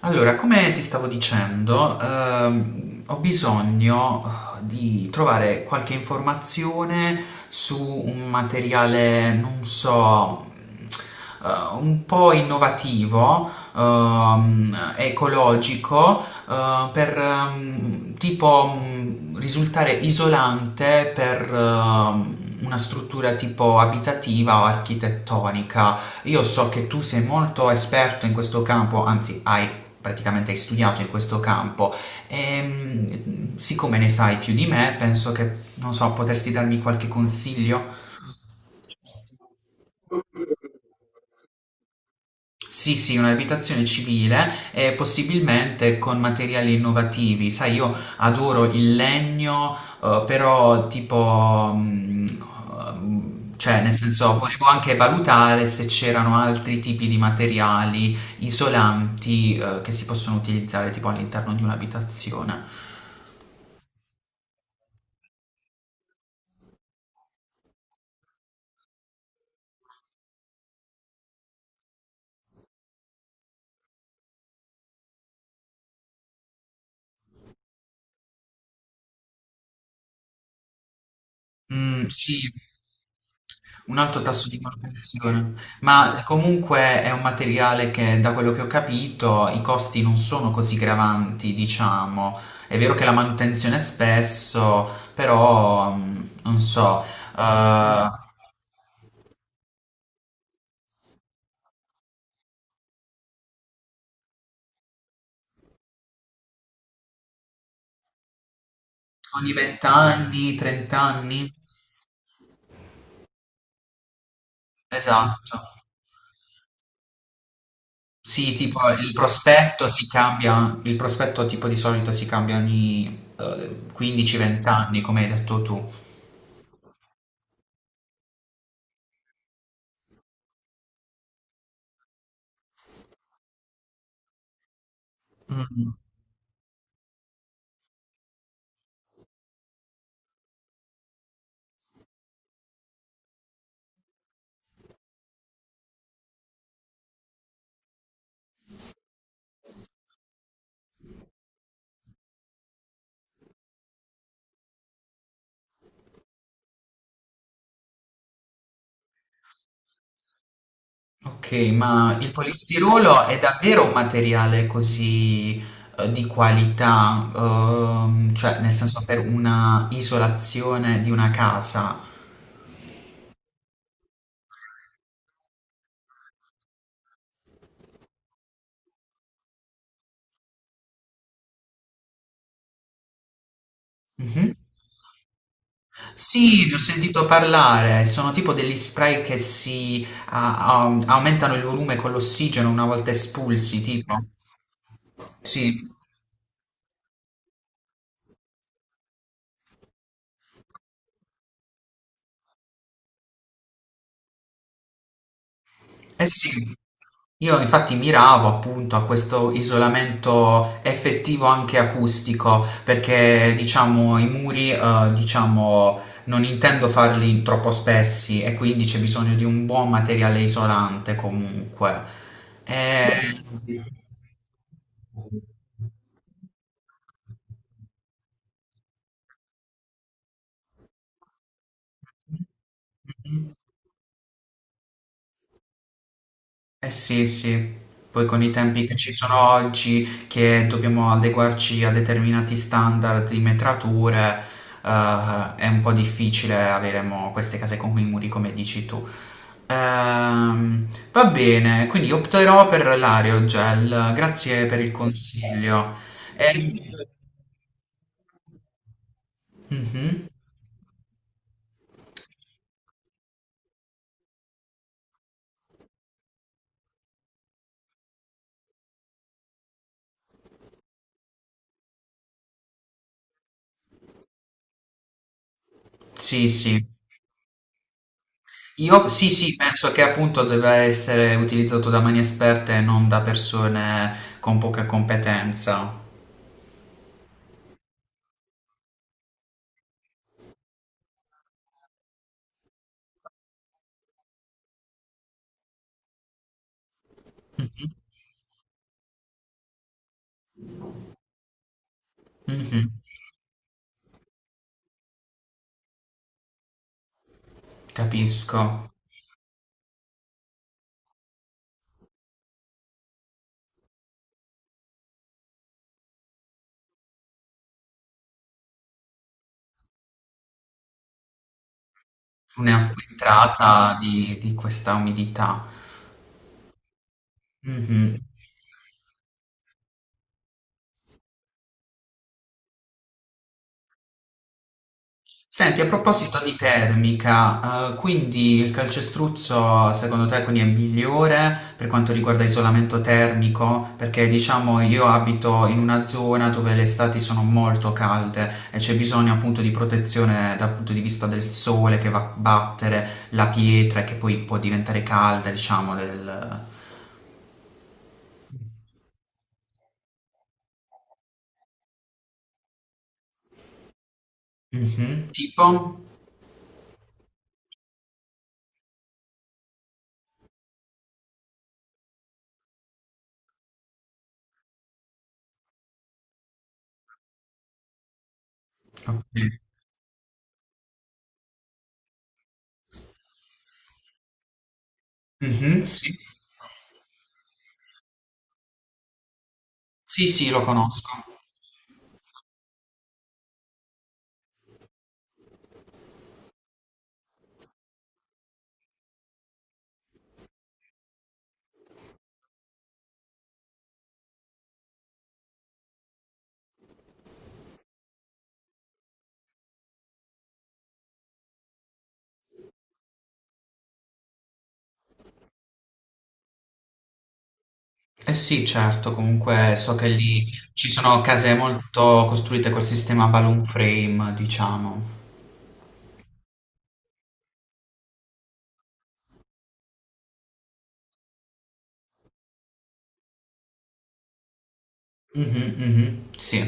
Allora, come ti stavo dicendo, ho bisogno di trovare qualche informazione su un materiale, non so, eh, un po' innovativo, ecologico, per tipo risultare isolante per una struttura tipo abitativa o architettonica. Io so che tu sei molto esperto in questo campo, anzi, hai praticamente hai studiato in questo campo e siccome ne sai più di me, penso che, non so, potresti darmi qualche consiglio? Sì, sì, un'abitazione civile e possibilmente con materiali innovativi. Sai, io adoro il legno, però tipo, cioè, nel senso, volevo anche valutare se c'erano altri tipi di materiali isolanti, che si possono utilizzare tipo all'interno di un'abitazione. Mm, sì. Un alto tasso di manutenzione, ma comunque è un materiale che, da quello che ho capito, i costi non sono così gravanti, diciamo. È vero che la manutenzione è spesso, però non so, eh, ogni 20 anni, 30 anni. Esatto. Sì, sì, poi il prospetto si cambia, il prospetto tipo di solito si cambia ogni 15-20 anni, come hai detto tu. Mm. Ok, ma il polistirolo è davvero un materiale così di qualità, cioè nel senso per una isolazione di una casa? Mhm. Sì, ne ho sentito parlare, sono tipo degli spray che si aumentano il volume con l'ossigeno una volta espulsi, tipo. Sì. Eh sì, io infatti miravo appunto a questo isolamento effettivo anche acustico, perché diciamo i muri, diciamo, non intendo farli troppo spessi e quindi c'è bisogno di un buon materiale isolante comunque. Eh, Eh sì, sì, poi con i tempi che ci sono oggi, che dobbiamo adeguarci a determinati standard di metrature, è un po' difficile avere mo queste case con i muri come dici tu. Ehm, va bene, quindi opterò per l'aerogel, grazie per il consiglio. Ehm, mhm. Sì, sì. Io sì, sì, penso che appunto debba essere utilizzato da mani esperte e non da persone con poca competenza. Mh-mh. Capisco. Una filtrata di questa umidità. Mh-mh. Senti, a proposito di termica, quindi il calcestruzzo secondo te quindi è migliore per quanto riguarda isolamento termico? Perché diciamo io abito in una zona dove le estati sono molto calde e c'è bisogno appunto di protezione dal punto di vista del sole che va a battere la pietra e che poi può diventare calda, diciamo del. Mh-mh. Tipo? Okay. Mh-mh, sì. Sì, sì, lo conosco. Eh sì, certo, comunque so che lì ci sono case molto costruite col sistema balloon frame, diciamo. Mh-mh, mh-mh, sì.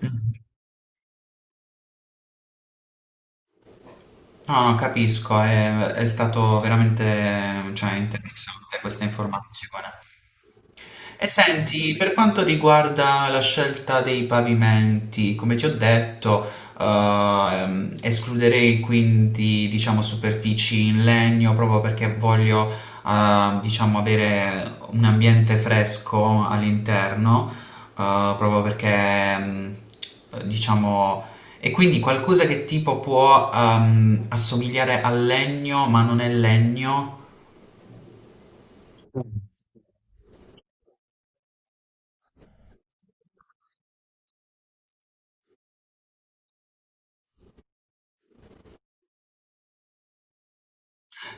Mh-mh. No, no, capisco, è stato veramente, cioè, interessante questa informazione. E senti, per quanto riguarda la scelta dei pavimenti, come ti ho detto, escluderei quindi, diciamo, superfici in legno proprio perché voglio, diciamo, avere un ambiente fresco all'interno, proprio perché, diciamo, e quindi qualcosa che tipo può, assomigliare al legno, ma non è legno.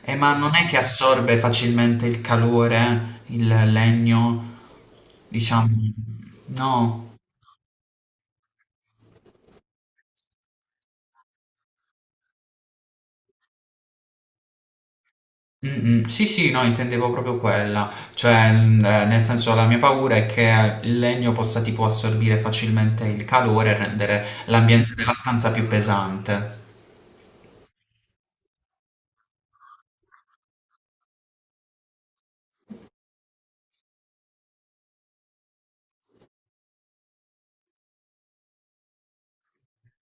Ma non è che assorbe facilmente il calore, il legno, diciamo. No. Mm, mm. Sì, sì, no, intendevo proprio quella. Cioè, nel senso, la mia paura è che il legno possa tipo assorbire facilmente il calore e rendere l'ambiente della stanza più pesante.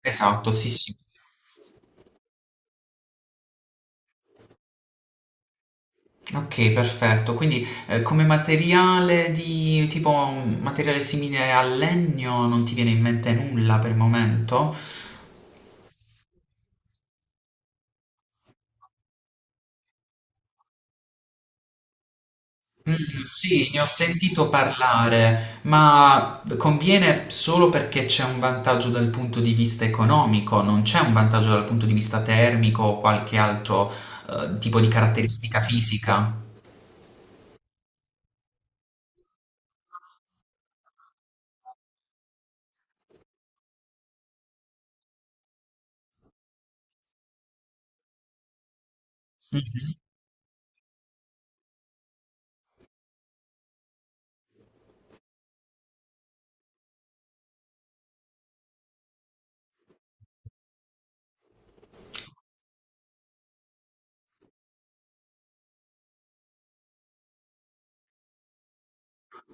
Esatto, sì, sì. Ok, perfetto. Quindi come materiale di tipo un materiale simile al legno non ti viene in mente nulla per il momento? Mm, sì, ne ho sentito parlare, ma conviene solo perché c'è un vantaggio dal punto di vista economico, non c'è un vantaggio dal punto di vista termico o qualche altro tipo di caratteristica fisica.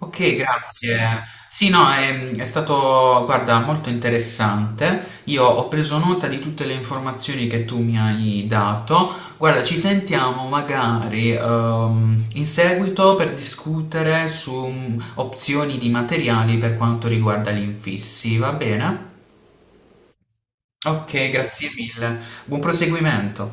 Ok, grazie. Sì, no, è stato, guarda, molto interessante. Io ho preso nota di tutte le informazioni che tu mi hai dato. Guarda, ci sentiamo magari in seguito per discutere su opzioni di materiali per quanto riguarda gli infissi, va bene? Ok, grazie mille. Buon proseguimento.